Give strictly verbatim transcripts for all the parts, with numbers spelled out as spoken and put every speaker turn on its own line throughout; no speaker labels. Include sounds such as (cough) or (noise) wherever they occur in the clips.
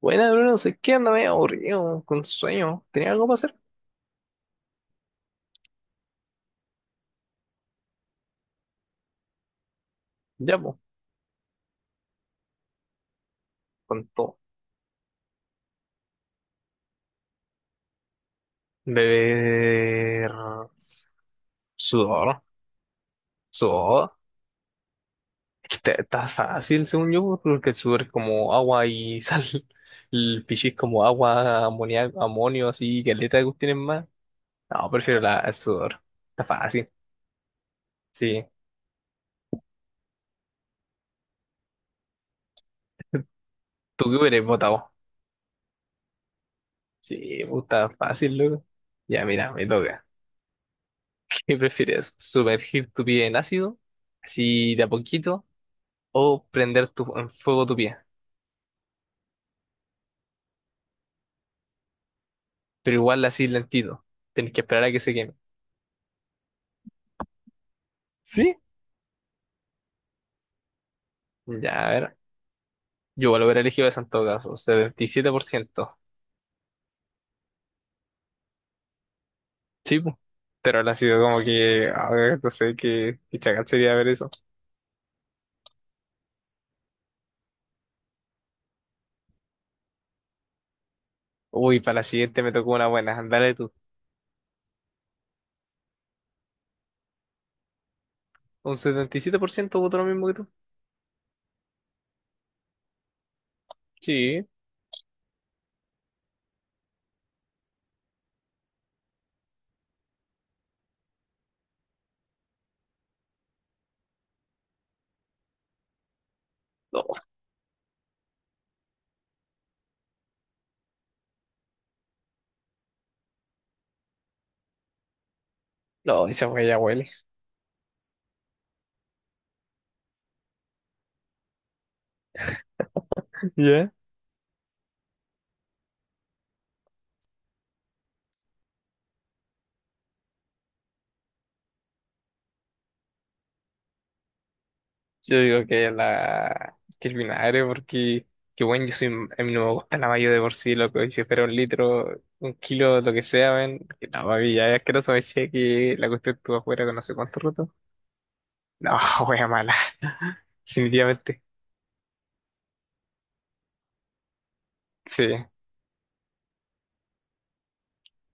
Buena, Bruno, sé que anda medio aburrido, con sueño. ¿Tenía algo para hacer? Ya, pues, con todo. Beber sudor, sudor. Es que está, está fácil, según yo, porque el sudor es como agua y (laughs) sal. El pichí es como agua, amonia- amonio, así, caleta que tienen más. No, prefiero la, el sudor. Está fácil, sí. ¿Tú qué hubieras votado? Sí, pues, está fácil, loco. Ya, mira, me toca. (laughs) ¿Qué prefieres? ¿Sumergir tu pie en ácido? Así de a poquito o prender tu, en fuego tu pie, pero igual así lentito. Tenés que esperar a que se queme. ¿Sí? Ya, a ver. Yo igual hubiera elegido esa en todo caso, setenta y siete por ciento. Sí, pu. Pero ahora ha sido como que, a ver, no sé qué, qué chacal sería ver eso. Uy, para la siguiente me tocó una buena. Dale tú. Un setenta y siete por ciento votó lo mismo que tú. Sí. No, no, esa huella ya huele. (laughs) ¿Ya? Yo digo que la que el vinagre, porque que bueno, yo soy a mí no me gusta la mayo de por sí, loco, y si fuera un litro, un kilo, lo que sea, ven, que no, papi, ya es asqueroso, me decía que la cuestión estuvo afuera con no sé cuánto roto. No, wea mala, (laughs) definitivamente. Sí.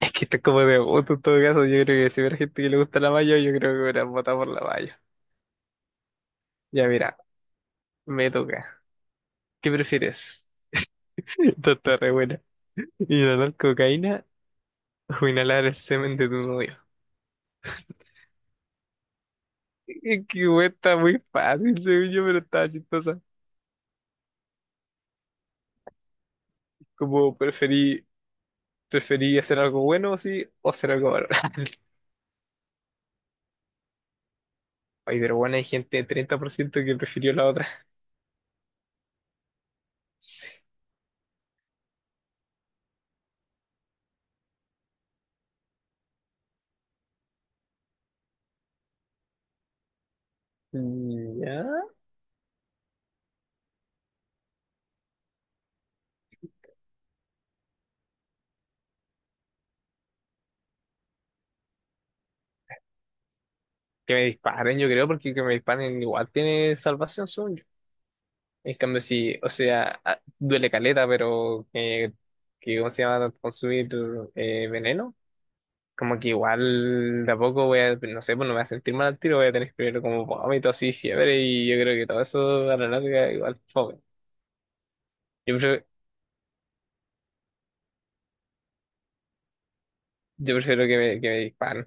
Es que esto es como de voto en todo caso, yo creo que si hubiera gente que le gusta la mayo, yo creo que hubiera votado por la mayo. Ya mira, me toca. ¿Qué prefieres? (laughs) Esto está re buena. ¿Inhalar cocaína o inhalar el semen de tu novio? Es que güey, está muy fácil, según yo, pero estaba chistosa. Como preferí, preferí hacer algo bueno, sí, o hacer algo malo. (laughs) Ay, pero bueno, hay gente de treinta por ciento que prefirió la otra. (laughs) Sí. Ya. Que me disparen, yo creo, porque que me disparen igual tiene salvación, según yo. En cambio, sí, o sea, ah, duele caleta, pero eh, que, ¿cómo se llama? Consumir eh, veneno como que igual de a poco voy a, no sé, pues no me voy a sentir mal al tiro, voy a tener primero como vómito así, fiebre, y yo creo que todo eso a la larga igual fome. Yo prefiero, yo prefiero que me, que me disparen.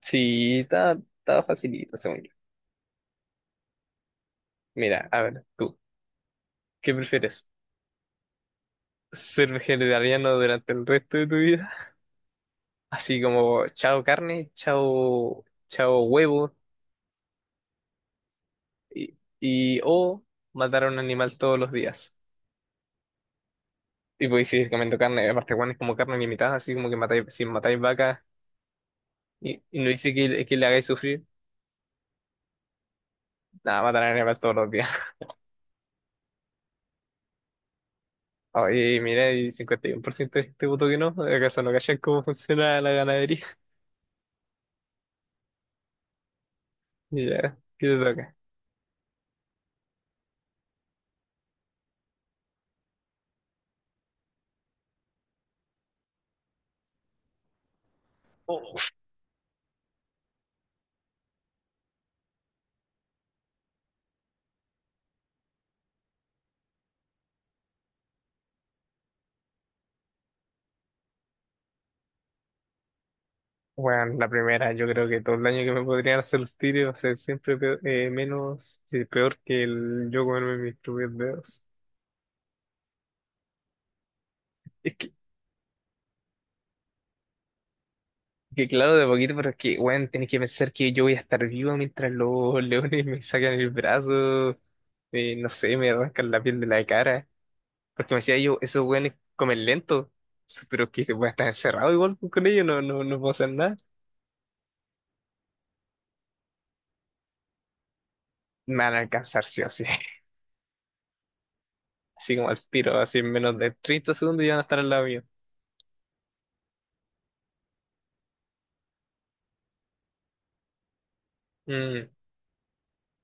Sí, estaba, estaba facilito, según yo. Mira, a ver, tú, ¿qué prefieres? ¿Ser vegetariano durante el resto de tu vida? Así como, chao carne, chao, chao huevo, y, y o matar a un animal todos los días. Y podéis seguir comiendo carne, aparte, Juan es como carne limitada, así como que matáis, si matáis vacas. Y, y no dice que, le- que le hagáis sufrir. Nada, matar a animales todos los días. (laughs) Oye, mira, y cincuenta y uno por ciento de gente votó que no. ¿Acaso no cachan cómo funciona la ganadería? (laughs) Y ya, ¿qué te toca? Uf. Bueno, la primera, yo creo que todo el daño que me podrían hacer los tigres va a ser siempre peor- eh, menos, sí, peor que el yo comerme mis propios dedos. Es que, que claro, de poquito, pero es que, bueno, tenés que pensar que yo voy a estar vivo mientras los (laughs) leones me sacan el brazo, eh, no sé, me arrancan la piel de la cara. Porque me decía yo, esos weones comen lento. Sí, pero que voy a estar encerrado igual con ellos, no, no, no puedo hacer nada. Me van a alcanzar sí o sí. (laughs) Así como al tiro, así en menos de treinta segundos ya van a estar al lado mío. Mm,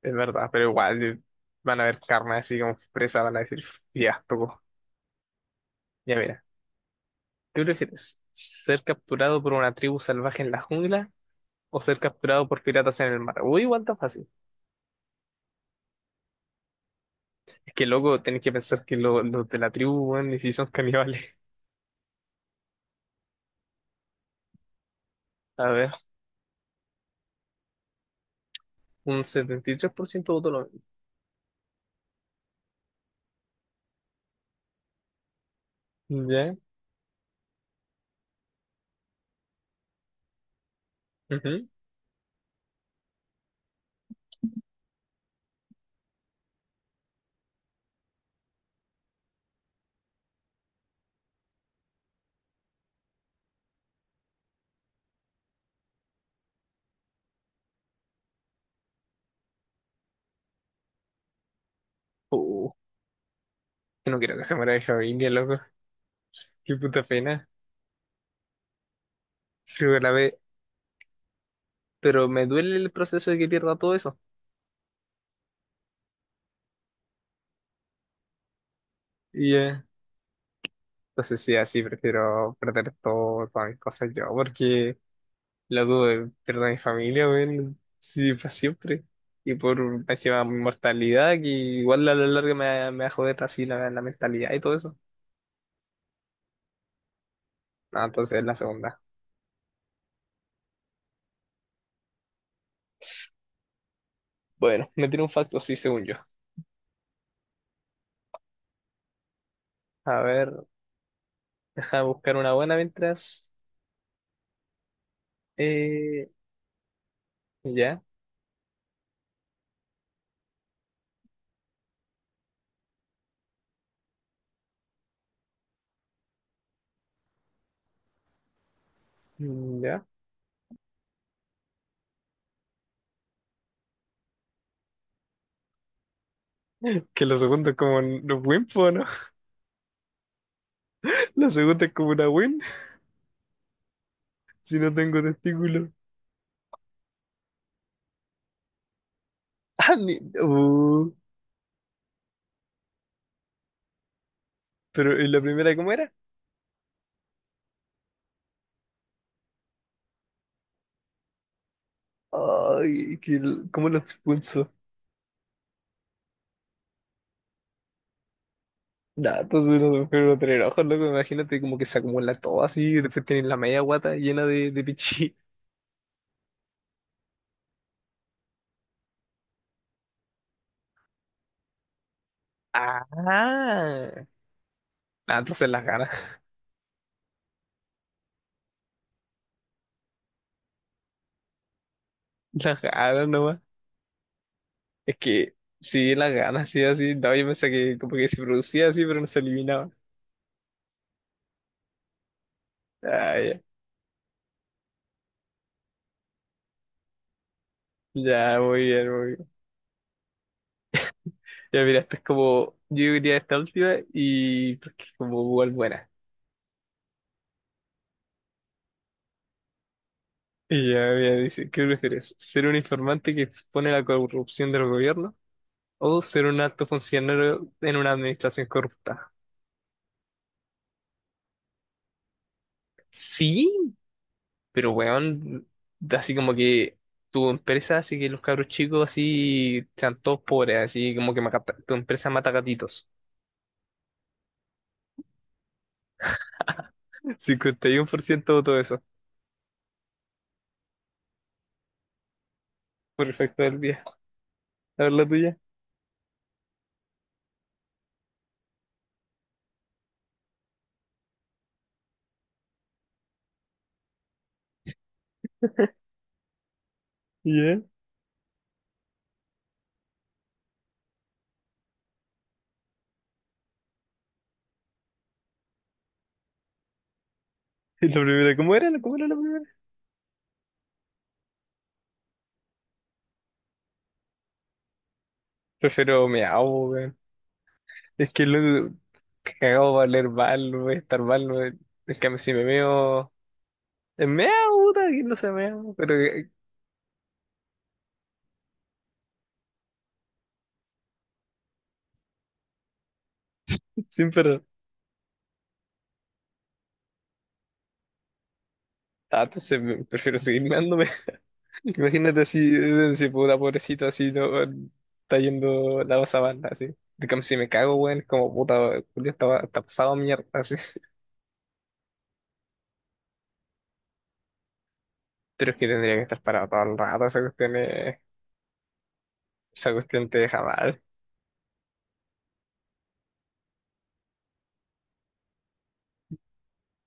es verdad, pero igual eh, van a ver carne así como presa, van a decir, ya, tocó. Ya mira, ¿qué prefieres? ¿Ser capturado por una tribu salvaje en la jungla o ser capturado por piratas en el mar? Uy, igual tan fácil. Es que luego tenés que pensar que lo- los de la tribu, weón, ni si son caníbales. A ver, un setenta y tres por ciento votó lo... ¿Ya? Ujú. Uh, no quiero que se muera mi familia, loco. Qué puta pena. Yo la ve, pero me duele el proceso de que pierda todo eso. Y eh, entonces sí, así prefiero perder todo, todas mis cosas yo, porque loco, eh, pierdo a mi familia, weón, sí, para siempre. Y por encima mi mortalidad, que igual a la larga me, me va a joder así la, la mentalidad y todo eso. No, entonces es la segunda. Bueno, me tiene un facto, sí, según yo. A ver, deja buscar una buena mientras. Eh, ya. Mm, ya. Que la segunda es como un un win, po, ¿no? (laughs) La segunda es como una win si no tengo testículos. (laughs) Ah, ni- uh, pero ¿y la primera cómo era? Ay, que, el- ¿cómo lo expulso? Nah, entonces no se puede tener ojos, loco. Imagínate como que se acumula todo así y después tienes la media guata llena de, de pichí. (laughs) Ah, ah, entonces las ganas, (laughs) las ganas nomás. Es que sí, las ganas, sí, así. No, yo pensé que como que se producía así, pero no se eliminaba. Ah, ya. Ya, muy bien, muy bien. Ya mira, esta es como, yo diría esta última y porque es como igual buena. Y ya mira, dice, ¿qué prefieres? ¿Ser un informante que expone la corrupción del gobierno o ser un alto funcionario en una administración corrupta? Sí, pero weón, así como que tu empresa, así que los cabros chicos así sean todos pobres, así como que mata- tu empresa mata gatitos. cincuenta y uno por ciento de todo eso. Perfecto del día. A ver la tuya. Ya. ¿Y la primera? ¿Cómo era? ¿Cómo era la primera? Prefiero meao, weón. Es que luego cagado va a leer mal, no voy a estar mal, weón. Es que si me meo. Es meao, puta, aquí no se meao, pero (laughs) que- siempre. Ah, entonces me- prefiero seguir meándome. (laughs) Imagínate así, eh, si puta pobrecito así, no, weón, está yendo la sabana, así. En cambio, si me cago, weón, es como puta, Julio está, está pasado a mierda, así. Pero es que tendría que estar parado todo el rato, esa cuestión, es- esa cuestión te deja mal.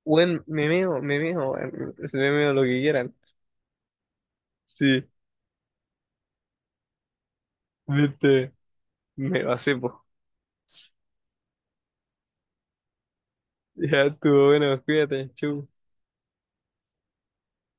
Weón, me meo, me meo, weón, me meo lo que quieran. Sí. Viste, me pasé, po. Ya estuvo bueno, cuídate, chau.